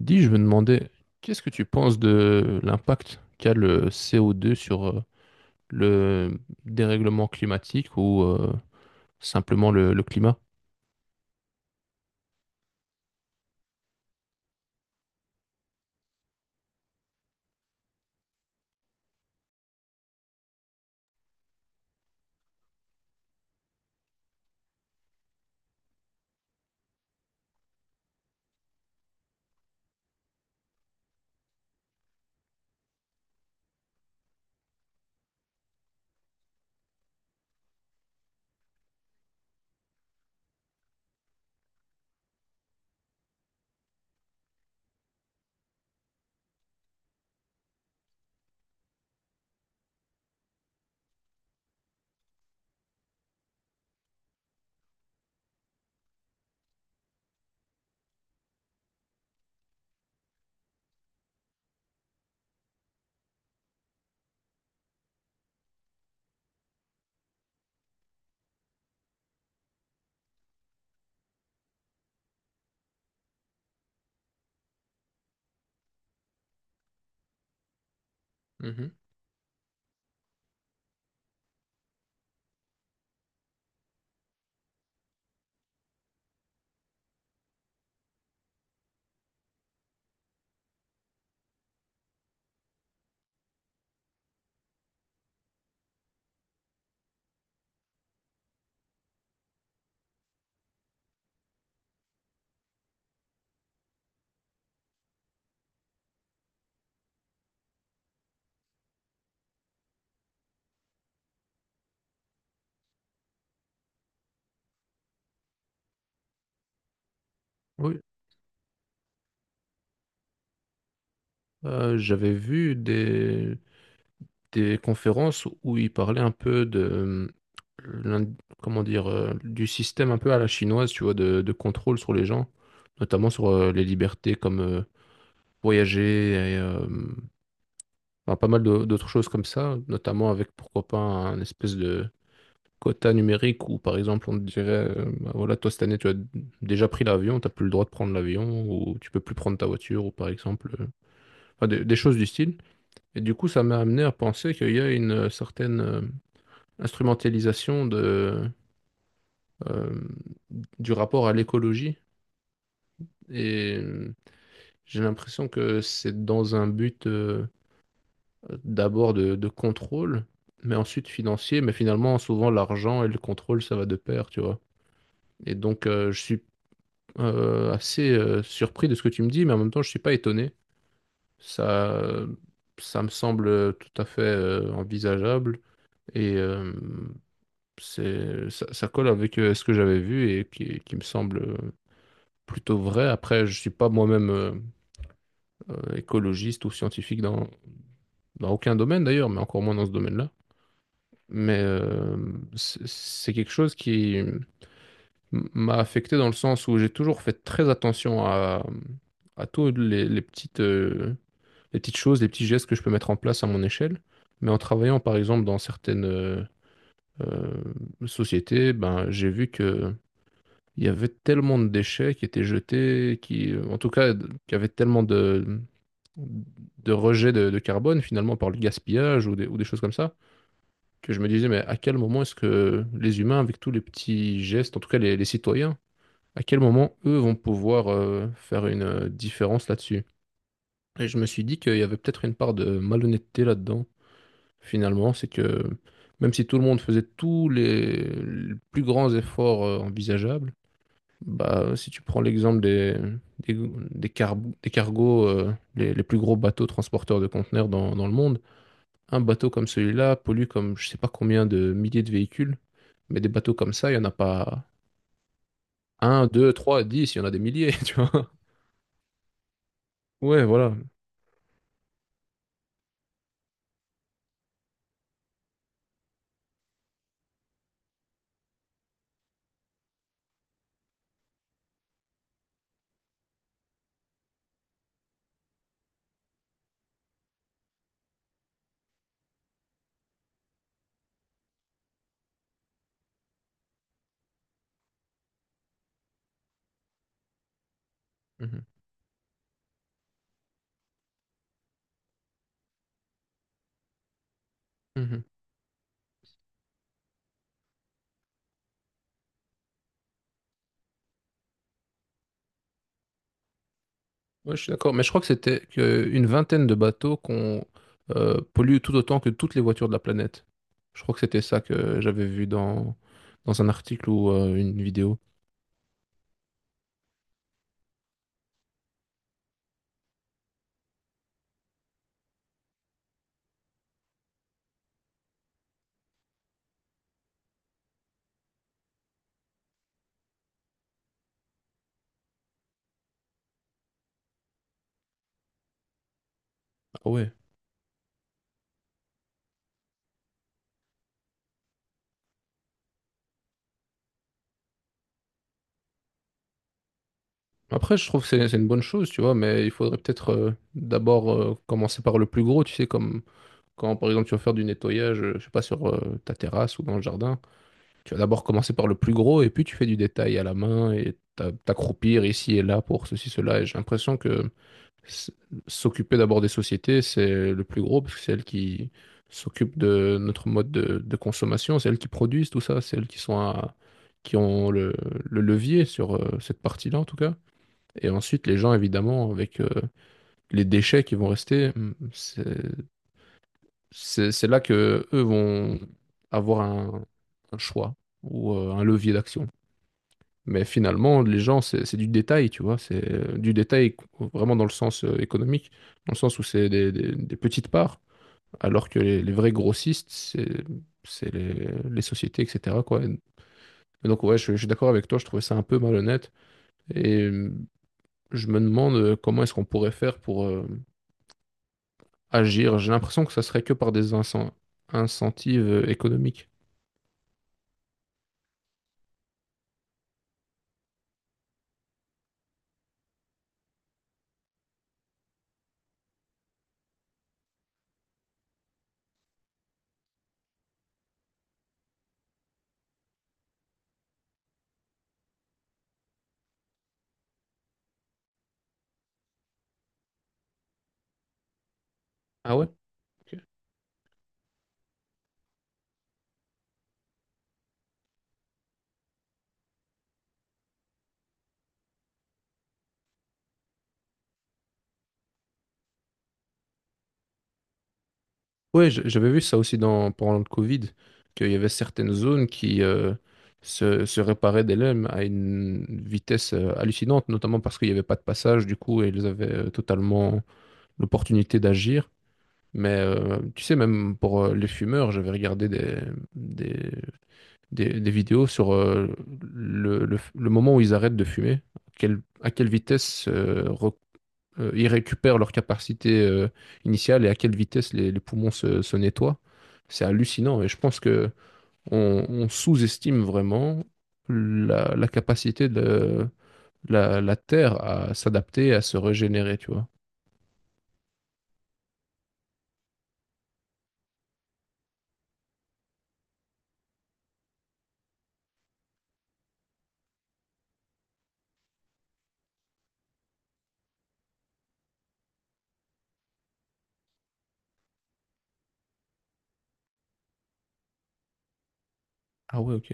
Dis, je me demandais, qu'est-ce que tu penses de l'impact qu'a le CO2 sur le dérèglement climatique ou simplement le climat? Mhm. Oui. J'avais vu des conférences où ils parlaient un peu de l'in- comment dire du système un peu à la chinoise, tu vois, de contrôle sur les gens, notamment sur les libertés comme voyager et enfin, pas mal d'autres choses comme ça, notamment avec pourquoi pas un espèce de quota numérique où, par exemple, on te dirait, bah voilà, toi, cette année, tu as déjà pris l'avion, tu n'as plus le droit de prendre l'avion, ou tu peux plus prendre ta voiture, ou par exemple, enfin, des choses du style. Et du coup, ça m'a amené à penser qu'il y a une certaine instrumentalisation euh, du rapport à l'écologie. Et j'ai l'impression que c'est dans un but d'abord de contrôle, mais ensuite financier. Mais finalement, souvent, l'argent et le contrôle, ça va de pair, tu vois. Et donc, je suis assez surpris de ce que tu me dis, mais en même temps, je suis pas étonné. Ça, ça me semble tout à fait envisageable et ça, ça colle avec ce que j'avais vu et qui me semble plutôt vrai. Après, je suis pas moi-même écologiste ou scientifique dans aucun domaine d'ailleurs, mais encore moins dans ce domaine-là. Mais c'est quelque chose qui m'a affecté dans le sens où j'ai toujours fait très attention à tous les petites choses, les petits gestes que je peux mettre en place à mon échelle. Mais en travaillant, par exemple, dans certaines euh, sociétés, ben, j'ai vu que il y avait tellement de déchets qui étaient jetés, qui, en tout cas, qui avaient tellement de rejet de carbone, finalement, par le gaspillage ou des choses comme ça, que je me disais, mais à quel moment est-ce que les humains, avec tous les petits gestes, en tout cas les citoyens, à quel moment eux vont pouvoir faire une différence là-dessus? Et je me suis dit qu'il y avait peut-être une part de malhonnêteté là-dedans. Finalement, c'est que même si tout le monde faisait tous les plus grands efforts envisageables, bah, si tu prends l'exemple des, des, car- des cargos, les plus gros bateaux transporteurs de conteneurs dans le monde, un bateau comme celui-là pollue comme je sais pas combien de milliers de véhicules, mais des bateaux comme ça, il n'y en a pas un, deux, trois, dix, il y en a des milliers, tu vois. Ouais, voilà. Mhm. Mhm. Ouais, je suis d'accord, mais je crois que c'était que une vingtaine de bateaux qu'on pollue tout autant que toutes les voitures de la planète. Je crois que c'était ça que j'avais vu dans un article ou une vidéo. Ah ouais. Après, je trouve que c'est une bonne chose, tu vois, mais il faudrait peut-être d'abord commencer par le plus gros, tu sais, comme quand par exemple tu vas faire du nettoyage, je sais pas, sur ta terrasse ou dans le jardin, tu vas d'abord commencer par le plus gros et puis tu fais du détail à la main et t'accroupir ici et là pour ceci, cela. Et j'ai l'impression que s- s'occuper d'abord des sociétés, c'est le plus gros, parce que c'est elles qui s'occupent de notre mode de consommation, c'est elles qui produisent tout ça, c'est elles qui ont le levier sur cette partie-là, en tout cas. Et ensuite, les gens, évidemment, avec les déchets qui vont rester, c'est là que eux vont avoir un choix ou un levier d'action. Mais finalement, les gens, c'est du détail, tu vois. C'est du vraiment dans le sens économique, dans le sens où c'est des petites parts, alors que les vrais grossistes, c'est les sociétés, etc., quoi. Et donc, ouais, je suis d'accord avec toi, je trouvais ça un peu malhonnête. Et je me demande comment est-ce qu'on pourrait faire pour agir. J'ai l'impression que ça serait que par des incentives économiques. Ah ouais? Ok. Ouais, j'avais vu ça aussi pendant le Covid, qu'il y avait certaines zones qui se réparaient des LEM à une vitesse hallucinante, notamment parce qu'il n'y avait pas de passage, du coup, et ils avaient totalement l'opportunité d'agir. Mais tu sais, même pour les fumeurs, j'avais regardé des, des vidéos sur le moment où ils arrêtent de fumer, à quelle vitesse ils récupèrent leur capacité initiale et à quelle vitesse les poumons se nettoient. C'est hallucinant et je pense que on sous-estime vraiment la capacité de la Terre à s'adapter, à se régénérer, tu vois. Ah ouais, ok.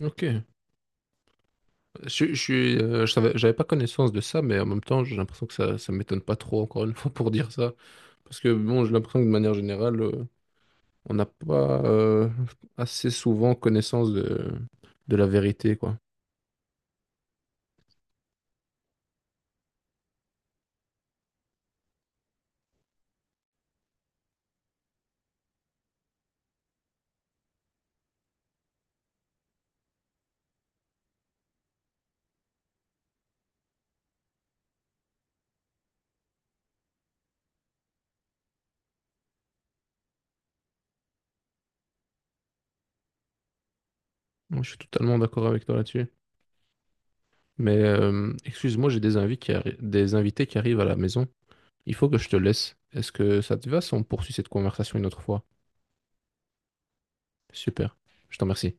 Ok. Je savais, j'avais pas connaissance de ça, mais en même temps, j'ai l'impression que ça m'étonne pas trop, encore une fois, pour dire ça. Parce que bon, j'ai l'impression que de manière générale, on n'a pas assez souvent connaissance de la vérité, quoi. Moi, je suis totalement d'accord avec toi là-dessus. Mais excuse-moi, j'ai des invités qui arrivent à la maison. Il faut que je te laisse. Est-ce que ça te va si on poursuit cette conversation une autre fois? Super. Je t'en remercie.